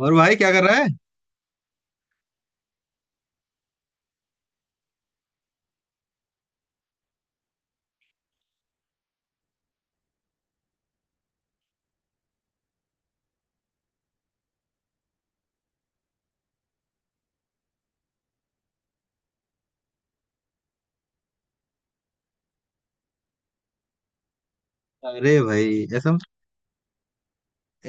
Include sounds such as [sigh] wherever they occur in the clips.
और भाई क्या कर रहा है। अरे भाई ऐसा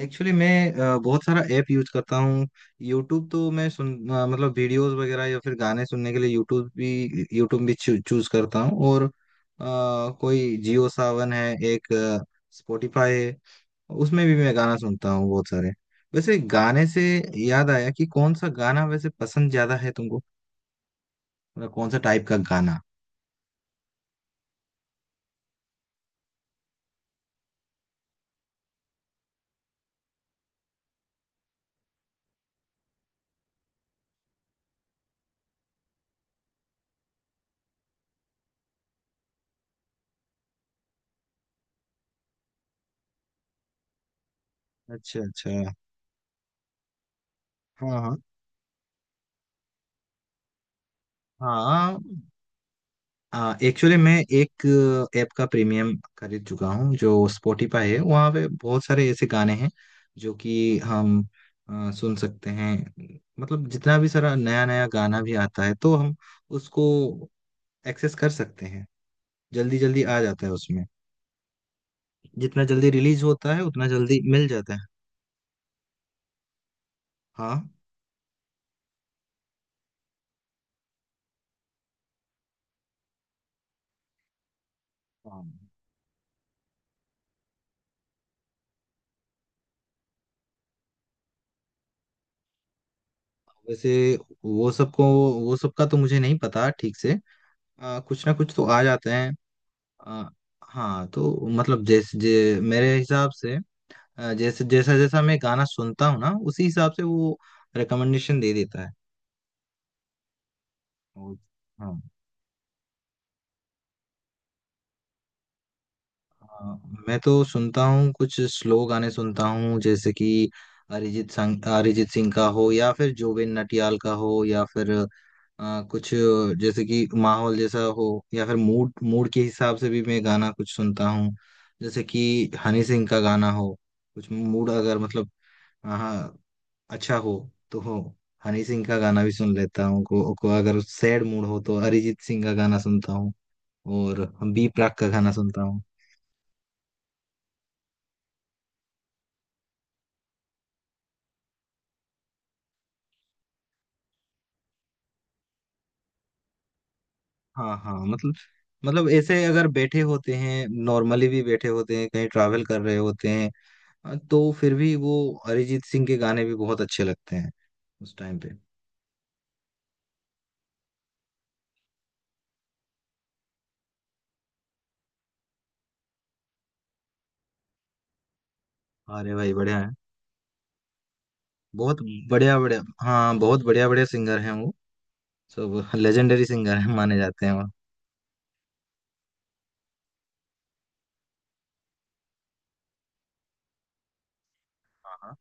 एक्चुअली मैं बहुत सारा ऐप यूज करता हूँ। यूट्यूब तो मतलब वीडियोस वगैरह या फिर गाने सुनने के लिए यूट्यूब भी चूज करता हूँ। कोई जियो सावन है, एक स्पॉटिफाई है, उसमें भी मैं गाना सुनता हूँ बहुत सारे। वैसे गाने से याद आया कि कौन सा गाना वैसे पसंद ज्यादा है तुमको, मतलब कौन सा टाइप का गाना। अच्छा अच्छा। हाँ हाँ हाँ। एक्चुअली मैं एक ऐप का प्रीमियम खरीद चुका हूँ। जो स्पॉटिफाई है वहाँ पे बहुत सारे ऐसे गाने हैं जो कि हम सुन सकते हैं। मतलब जितना भी सारा नया नया गाना भी आता है तो हम उसको एक्सेस कर सकते हैं। जल्दी जल्दी आ जाता है उसमें। जितना जल्दी रिलीज होता है उतना जल्दी मिल जाता है। हाँ हाँ। वैसे वो सबको वो सबका तो मुझे नहीं पता ठीक से। कुछ ना कुछ तो आ जाते हैं। अ, हाँ तो मतलब मेरे हिसाब से, जैसे जैसा जैसा मैं गाना सुनता हूँ ना, उसी हिसाब से वो रिकमेंडेशन दे देता है। वो- हाँ। अ, मैं तो सुनता हूँ, कुछ स्लो गाने सुनता हूँ, जैसे कि अरिजीत सिंह का हो या फिर जुबिन नटियाल का हो, या फिर कुछ जैसे कि माहौल जैसा हो, या फिर मूड मूड के हिसाब से भी मैं गाना कुछ सुनता हूँ। जैसे कि हनी सिंह का गाना हो, कुछ मूड अगर मतलब, हाँ, अच्छा हो तो हो, हनी सिंह का गाना भी सुन लेता हूँ। को अगर सैड मूड हो तो अरिजीत सिंह का गाना सुनता हूँ, और हम बी प्राक का गाना सुनता हूँ। हाँ हाँ। मतलब, मतलब ऐसे अगर बैठे होते हैं, नॉर्मली भी बैठे होते हैं, कहीं ट्रैवल कर रहे होते हैं, हाँ, तो फिर भी वो अरिजीत सिंह के गाने भी बहुत अच्छे लगते हैं उस टाइम पे। अरे भाई बढ़िया है। बहुत बढ़िया बढ़िया, हाँ, बहुत बढ़िया बढ़िया सिंगर हैं वो। सब लेजेंडरी सिंगर हैं माने जाते हैं वो। हाँ,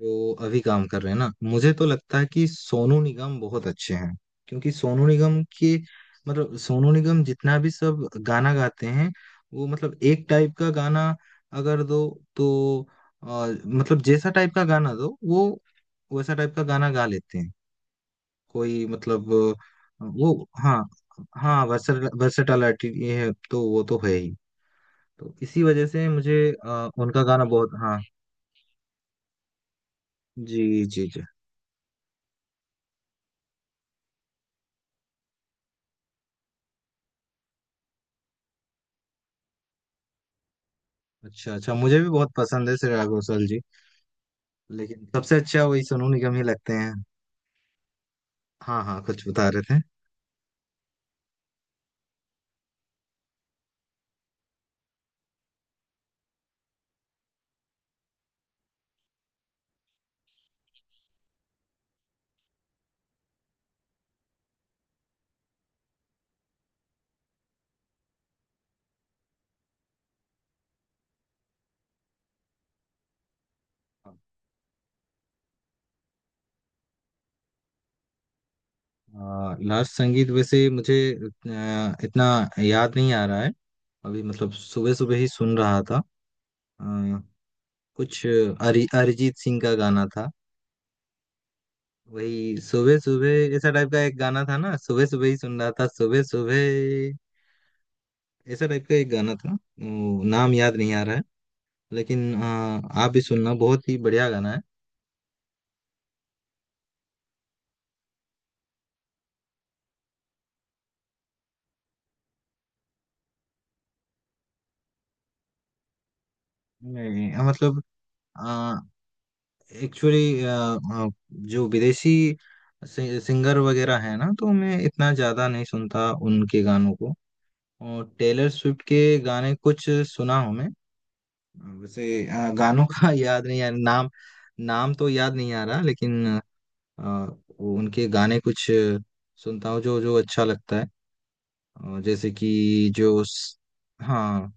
जो अभी काम कर रहे हैं ना, मुझे तो लगता है कि सोनू निगम बहुत अच्छे हैं। क्योंकि सोनू निगम के, मतलब सोनू निगम जितना भी सब गाना गाते हैं, वो मतलब एक टाइप का गाना अगर दो तो, अ, मतलब जैसा टाइप का गाना दो वो वैसा टाइप का गाना गा लेते हैं। कोई मतलब, वो हाँ। हाँ, वर्सेटालिटी ये है तो वो तो है ही। तो इसी वजह से मुझे उनका गाना बहुत, हाँ जी जी जी। अच्छा अच्छा, मुझे भी बहुत पसंद है श्रेया घोषाल जी, लेकिन सबसे अच्छा वही सोनू निगम ही लगते हैं। हाँ हाँ, कुछ बता रहे थे। लास्ट संगीत वैसे मुझे इतना याद नहीं आ रहा है। अभी मतलब सुबह सुबह ही सुन रहा था। अ, कुछ अरिजीत सिंह का गाना था। वही सुबह सुबह ऐसा टाइप का एक गाना था ना, सुबह सुबह ही सुन रहा था, सुबह सुबह ऐसा टाइप का एक गाना था वो, नाम याद नहीं आ रहा है। लेकिन आप भी सुनना, बहुत ही बढ़िया गाना है। मैं मतलब एक्चुअली जो विदेशी सिंगर वगैरह है ना, तो मैं इतना ज़्यादा नहीं सुनता उनके गानों को। और टेलर स्विफ्ट के गाने कुछ सुना हूँ मैं। वैसे गानों का [laughs] याद नहीं आ नाम। नाम तो याद नहीं आ रहा, लेकिन अ, वो उनके गाने कुछ सुनता हूँ, जो जो अच्छा लगता है। जैसे कि हाँ।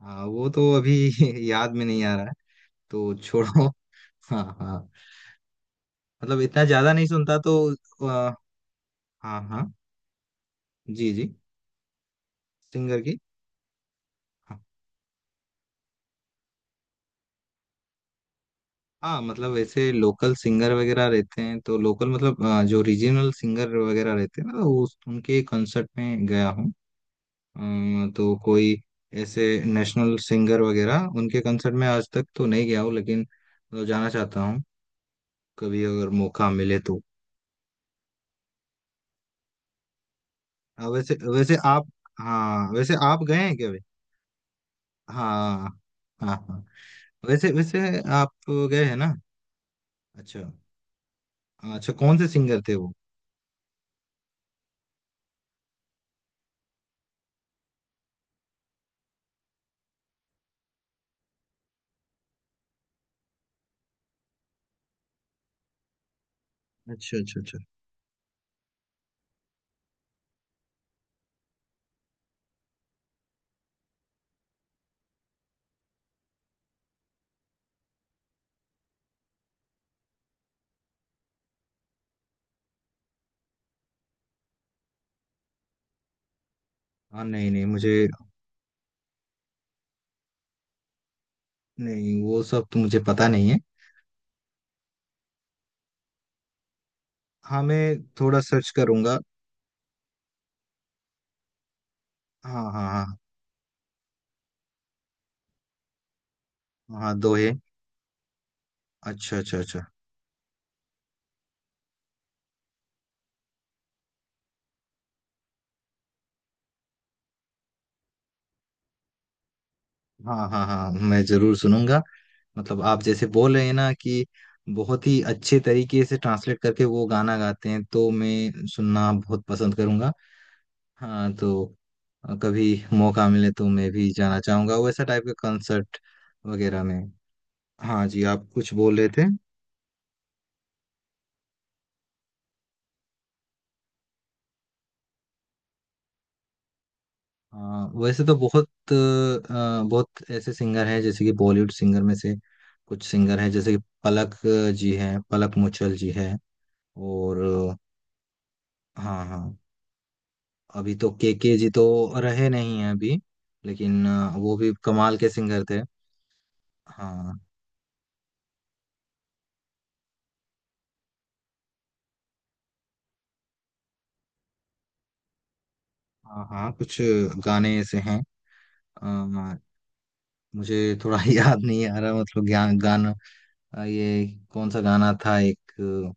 हाँ, वो तो अभी [laughs] याद में नहीं आ रहा है, तो छोड़ो [laughs] हाँ हाँ, मतलब इतना ज्यादा नहीं सुनता तो। आ, हाँ हाँ, जी जी। सिंगर की। हाँ, हाँ, मतलब ऐसे लोकल सिंगर वगैरह रहते हैं तो लोकल मतलब, जो रीजनल सिंगर वगैरह रहते हैं ना, तो उस उनके कंसर्ट में गया हूँ। तो कोई ऐसे नेशनल सिंगर वगैरह उनके कंसर्ट में आज तक तो नहीं गया हूँ, लेकिन तो जाना चाहता हूँ कभी अगर मौका मिले तो। वैसे वैसे आप, हाँ, वैसे आप गए हैं क्या भाई। हाँ हाँ हाँ। वैसे वैसे आप गए हैं ना। अच्छा अच्छा, कौन से सिंगर थे वो। अच्छा अच्छा अच्छा। हाँ, नहीं नहीं मुझे, नहीं वो सब तो मुझे पता नहीं है। हाँ, मैं थोड़ा सर्च करूंगा। हाँ हाँ हाँ। हाँ दो है। अच्छा अच्छा अच्छा। हाँ हाँ हाँ, मैं जरूर सुनूंगा। मतलब आप जैसे बोल रहे हैं ना कि बहुत ही अच्छे तरीके से ट्रांसलेट करके वो गाना गाते हैं, तो मैं सुनना बहुत पसंद करूंगा। हाँ तो कभी मौका मिले तो मैं भी जाना चाहूंगा वैसा टाइप के कंसर्ट वगैरह में। हाँ जी, आप कुछ बोल रहे थे। हाँ वैसे तो बहुत बहुत ऐसे सिंगर हैं, जैसे कि बॉलीवुड सिंगर में से, कुछ सिंगर हैं जैसे कि पलक जी हैं, पलक मुचल जी हैं। और अ, हाँ हाँ, अभी तो के जी तो रहे नहीं हैं अभी, लेकिन वो भी कमाल के सिंगर थे। हाँ हाँ हाँ, कुछ गाने ऐसे हैं, अ, मुझे थोड़ा [laughs] याद नहीं आ रहा, मतलब ज्ञान गाना, ये कौन सा गाना था एक,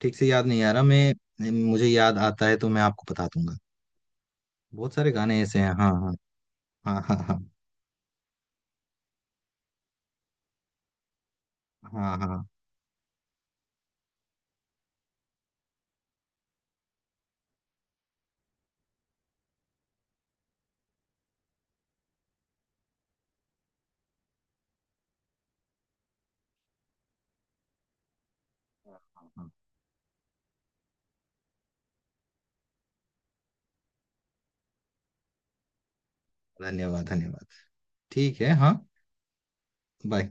ठीक से याद नहीं आ रहा। मैं मुझे याद आता है तो मैं आपको बता दूंगा। बहुत सारे गाने ऐसे हैं, हाँ। हाँ हाँ हाँ। हाँ हाँ हाँ हाँ, धन्यवाद धन्यवाद। ठीक है, हाँ, बाय।